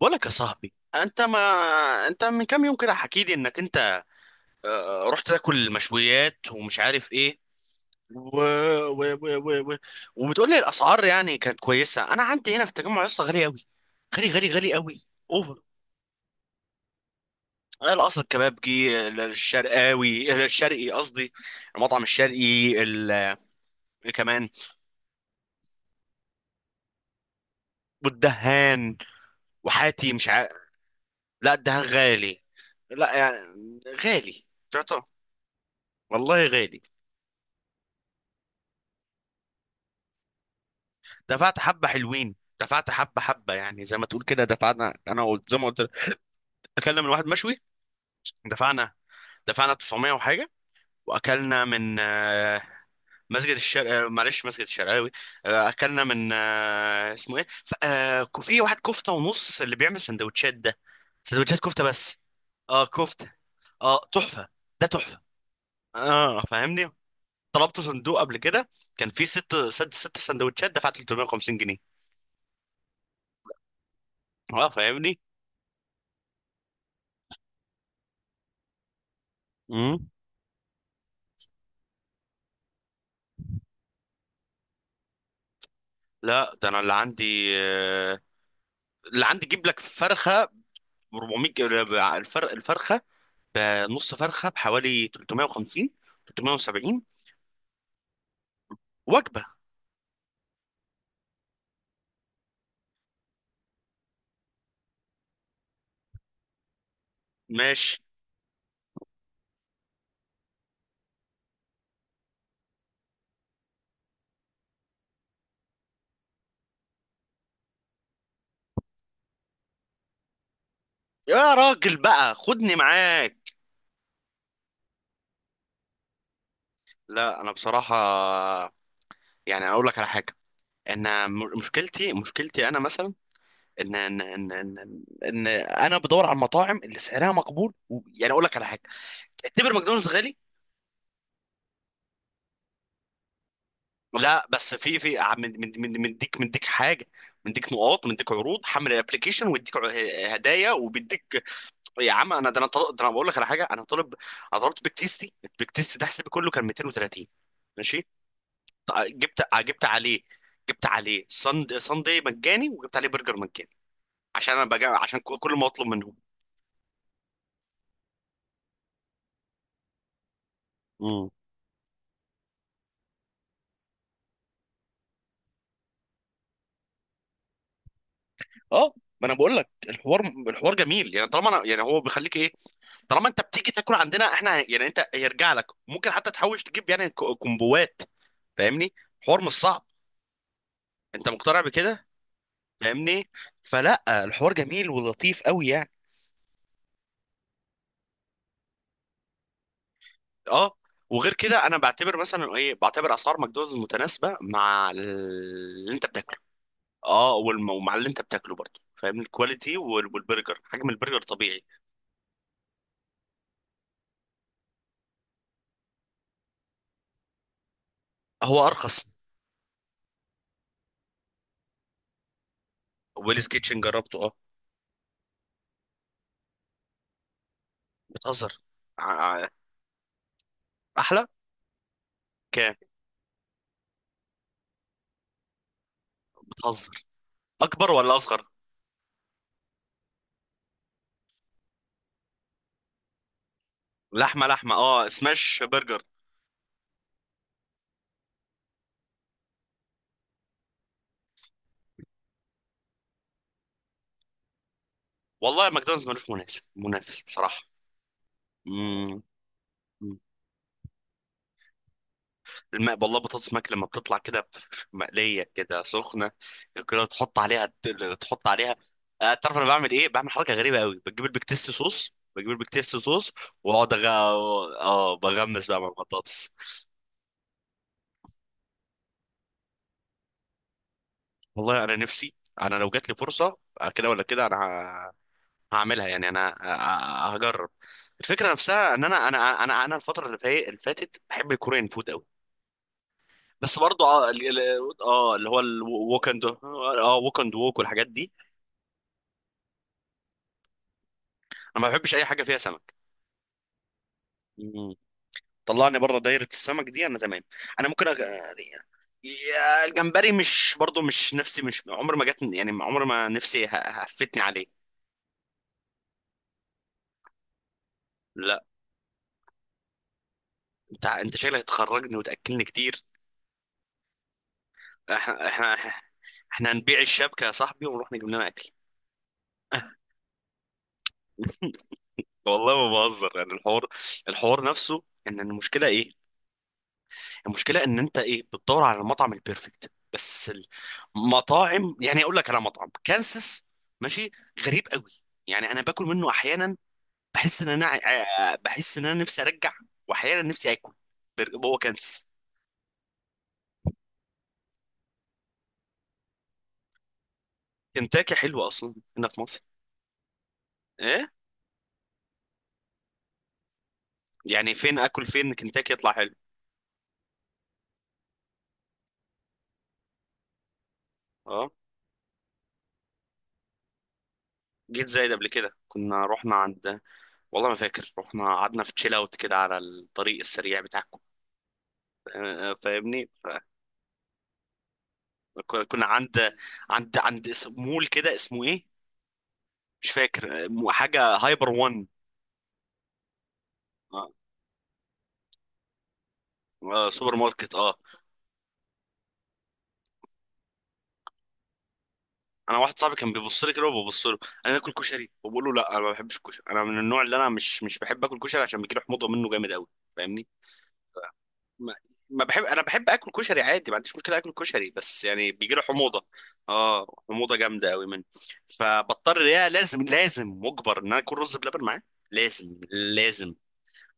بقولك، يا صاحبي، انت ما انت من كام يوم كده حكي لي انك انت آه، آه، رحت تاكل مشويات ومش عارف ايه و... و... و... و... و... وبتقول لي الاسعار يعني كانت كويسه. انا عندي هنا في التجمع يا اسطى غالي قوي، غالي غالي غالي قوي، اوفر. القصر، الكبابجي، الشرقاوي، الشرقي قصدي، المطعم الشرقي ال... آه، كمان، والدهان وحاتي مش عارف. لا، الدهان غالي. لا، يعني غالي. تعطى، والله غالي. دفعت حبة حلوين، دفعت حبة حبة، يعني زي ما تقول كده دفعنا. أنا قلت زي ما قلت لك، أكلنا من واحد مشوي، دفعنا دفعنا 900 وحاجة. وأكلنا من مسجد الشرق، معلش، مسجد الشرقاوي. أكلنا من اسمه إيه، في واحد كفتة ونص اللي بيعمل سندوتشات ده، سندوتشات كفتة بس. اه، كفتة. اه، تحفة. ده تحفة. اه، فاهمني. طلبت صندوق قبل كده، كان فيه ست سندوتشات، دفعت 350 جنيه. اه، فاهمني. مم. لا، ده انا اللي عندي آه، اللي عندي جيب لك فرخه ب 400 الفرخه، بنص فرخه بحوالي 350، 370 وجبه. ماشي. يا راجل بقى خدني معاك. لا، انا بصراحه يعني اقول لك على حاجه، ان مشكلتي انا مثلا، ان ان ان ان, إن انا بدور على المطاعم اللي سعرها مقبول، يعني اقول لك على حاجه، تعتبر ماكدونالدز غالي. لا بس في في من من مديك حاجه، مديك نقاط، مديك عروض، حمل الابلكيشن ويديك هدايا، وبيديك. يا عم، انا ده انا طل- ده انا بقول لك على حاجه، انا طالب. انا طلبت بيك تيستي، البيك تيست ده حسابي كله كان 230. ماشي. جبت عليه، جبت عليه صندي مجاني، وجبت عليه برجر مجاني. عشان انا بجا، عشان كل ما اطلب منهم. اه، ما انا بقول لك، الحوار، الحوار جميل يعني. طالما انا يعني هو بيخليك ايه، طالما انت بتيجي تاكل عندنا احنا، يعني انت هيرجع لك، ممكن حتى تحوش، تجيب يعني كومبوات. فاهمني، حوار مش صعب. انت مقتنع بكده. فاهمني. فلا الحوار جميل ولطيف قوي يعني. اه، وغير كده انا بعتبر مثلا ايه، بعتبر اسعار ماكدونالدز متناسبه مع اللي انت بتاكله. اه، ومع اللي انت بتاكله برضه، فاهم؟ الكواليتي والبرجر، حجم البرجر طبيعي. هو ارخص. ويلز كيتشن جربته، اه. بتهزر. ع- ع- احلى. كام؟ بتهزر. اكبر ولا اصغر؟ لحمه لحمه، اه، سماش برجر. والله ماكدونالدز ملوش منافس، منافس بصراحه. مم. مم. الماء، والله بطاطس ماك لما بتطلع كده مقليه كده سخنه، كده تحط عليها، تحط عليها. تعرف انا بعمل ايه؟ بعمل حركه غريبه قوي، بجيب البيك تيست صوص، بجيب البيك تيست صوص، واقعد اه، بغمس بقى مع البطاطس. والله انا نفسي. انا لو جات لي فرصه كده ولا كده انا هعملها، يعني انا هجرب. الفكره نفسها ان انا الفتره اللي فاتت بحب الكوريان فود قوي. بس برضو اه، اللي هو الووك اند، اه، ووك اند ووك والحاجات دي. انا ما بحبش اي حاجه فيها سمك. مم. طلعني بره دايره السمك دي انا تمام. انا ممكن يا الجمبري، مش برضو، مش نفسي، مش عمر ما جت، يعني عمر ما نفسي هفتني عليه. لا انت، انت شكلك هتخرجني وتاكلني كتير. احنا احنا احنا هنبيع الشبكه يا صاحبي ونروح نجيب لنا اكل. والله ما بهزر، يعني الحوار، الحوار نفسه ان المشكله ايه. المشكله ان انت ايه، بتدور على المطعم البيرفكت بس. المطاعم، يعني اقول لك على مطعم كانسس، ماشي، غريب قوي. يعني انا باكل منه احيانا بحس ان انا بحس ان انا نفسي ارجع، واحيانا نفسي اكل هو كانسس. كنتاكي حلوه اصلا هنا في مصر. ايه؟ يعني فين اكل، فين كنتاكي يطلع حلو؟ اه، جيت زايد قبل كده، كنا رحنا عند، والله ما فاكر، رحنا قعدنا في تشيل اوت كده على الطريق السريع بتاعكم. فاهمني. كنا عند اسم مول كده، اسمه ايه، مش فاكر، حاجه هايبر وان. آه، سوبر ماركت، اه. انا واحد صاحبي كان بيبص لي كده وببص له، انا اكل كشري وبقول له لا، انا ما بحبش الكشري. انا من النوع اللي انا مش بحب اكل كشري، عشان بيجي لي حموضه منه جامد قوي، فاهمني. ما بحب، انا بحب اكل كشري عادي، ما عنديش مشكله اكل كشري، بس يعني بيجي له حموضه. اه، حموضه جامده قوي منه. فبضطر، يا لازم، لازم مجبر ان انا اكل رز بلبن معاه، لازم، لازم.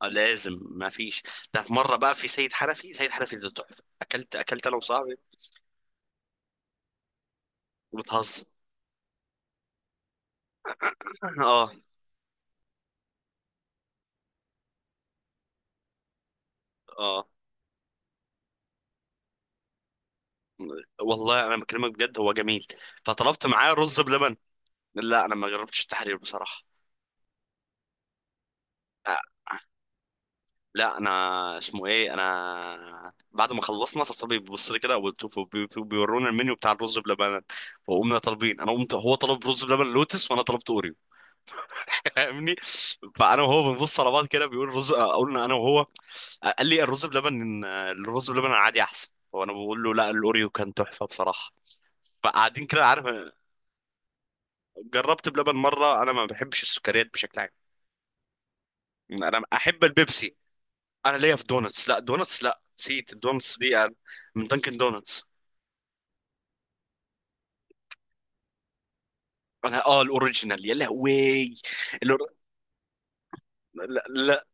لازم، ما فيش. ده في مره بقى في سيد حنفي، سيد حنفي ده تحفه، اكلت انا وصاحبي. بتهزر. اه. اه، والله انا بكلمك بجد، هو جميل. فطلبت معاه رز بلبن. لا انا ما جربتش التحرير بصراحه. لا انا، اسمه ايه، انا بعد ما خلصنا فالصبي بيبص لي كده وبيورونا المنيو بتاع الرز بلبن، وقمنا طالبين، انا قمت، هو طلب رز بلبن لوتس وانا طلبت اوريو. فاهمني. فانا وهو بنبص على بعض كده، بيقول رز، قلنا انا وهو، قال لي الرز بلبن، الرز بلبن العادي احسن، وانا بقول له لا، الاوريو كان تحفه بصراحه. فقاعدين كده، عارف. جربت بلبن مره، انا ما بحبش السكريات بشكل عام. انا احب البيبسي. انا ليا في دونتس، لا، دونتس، لا، نسيت الدونتس دي يعني. من دانكن دونتس. انا اه، الاوريجينال، يا لهوي. الأور... لا, لا.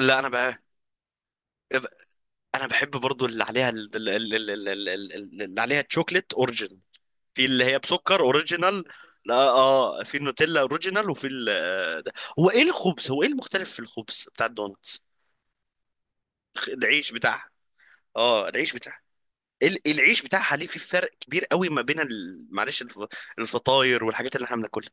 لا انا بقى انا بحب برضو اللي عليها اللي عليها تشوكلت اوريجينال، في اللي هي بسكر اوريجينال. لا اه، في النوتيلا اوريجينال وفي ال... ده. هو ايه الخبز، هو ايه المختلف في الخبز بتاع الدونتس؟ العيش بتاعها. اه، العيش بتاعها. العيش بتاعها ليه في فرق كبير قوي ما بين معلش، الفطاير والحاجات اللي احنا بناكلها.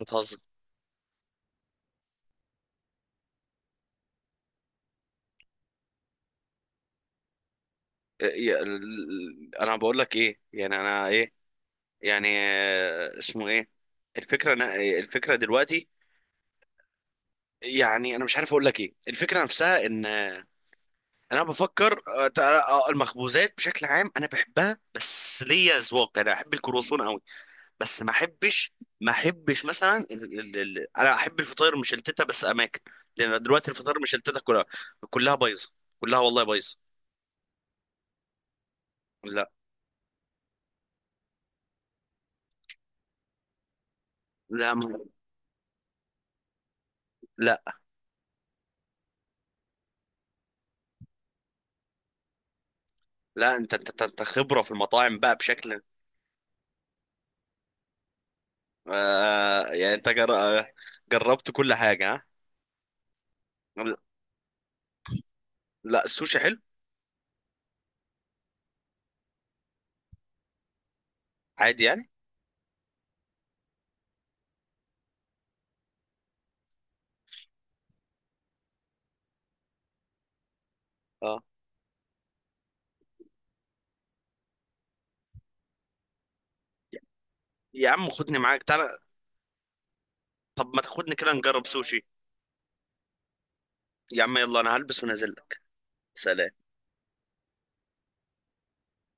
بتهزر. انا بقول لك ايه، يعني انا ايه، يعني اسمه ايه، الفكره، أنا الفكره دلوقتي يعني، انا مش عارف اقول لك ايه، الفكره نفسها ان انا بفكر، المخبوزات بشكل عام انا بحبها، بس ليا اذواق، انا احب الكرواسون قوي. بس ما احبش، مثلا ال ال ال انا احب الفطاير مشلتته بس اماكن، لان دلوقتي الفطاير مشلتته كلها، كلها بايظه، كلها والله بايظه. لا. لا لا لا. انت انت انت أنت خبرة في المطاعم بقى بشكل. آه يعني انت جر... آه، جربت كل حاجة. ها. لا، السوشي حلو، عادي يعني، اه. يا عم خدني معاك تعالى. طب ما تاخدني كده نجرب سوشي. يا عم يلا انا هلبس ونازل لك. سلام.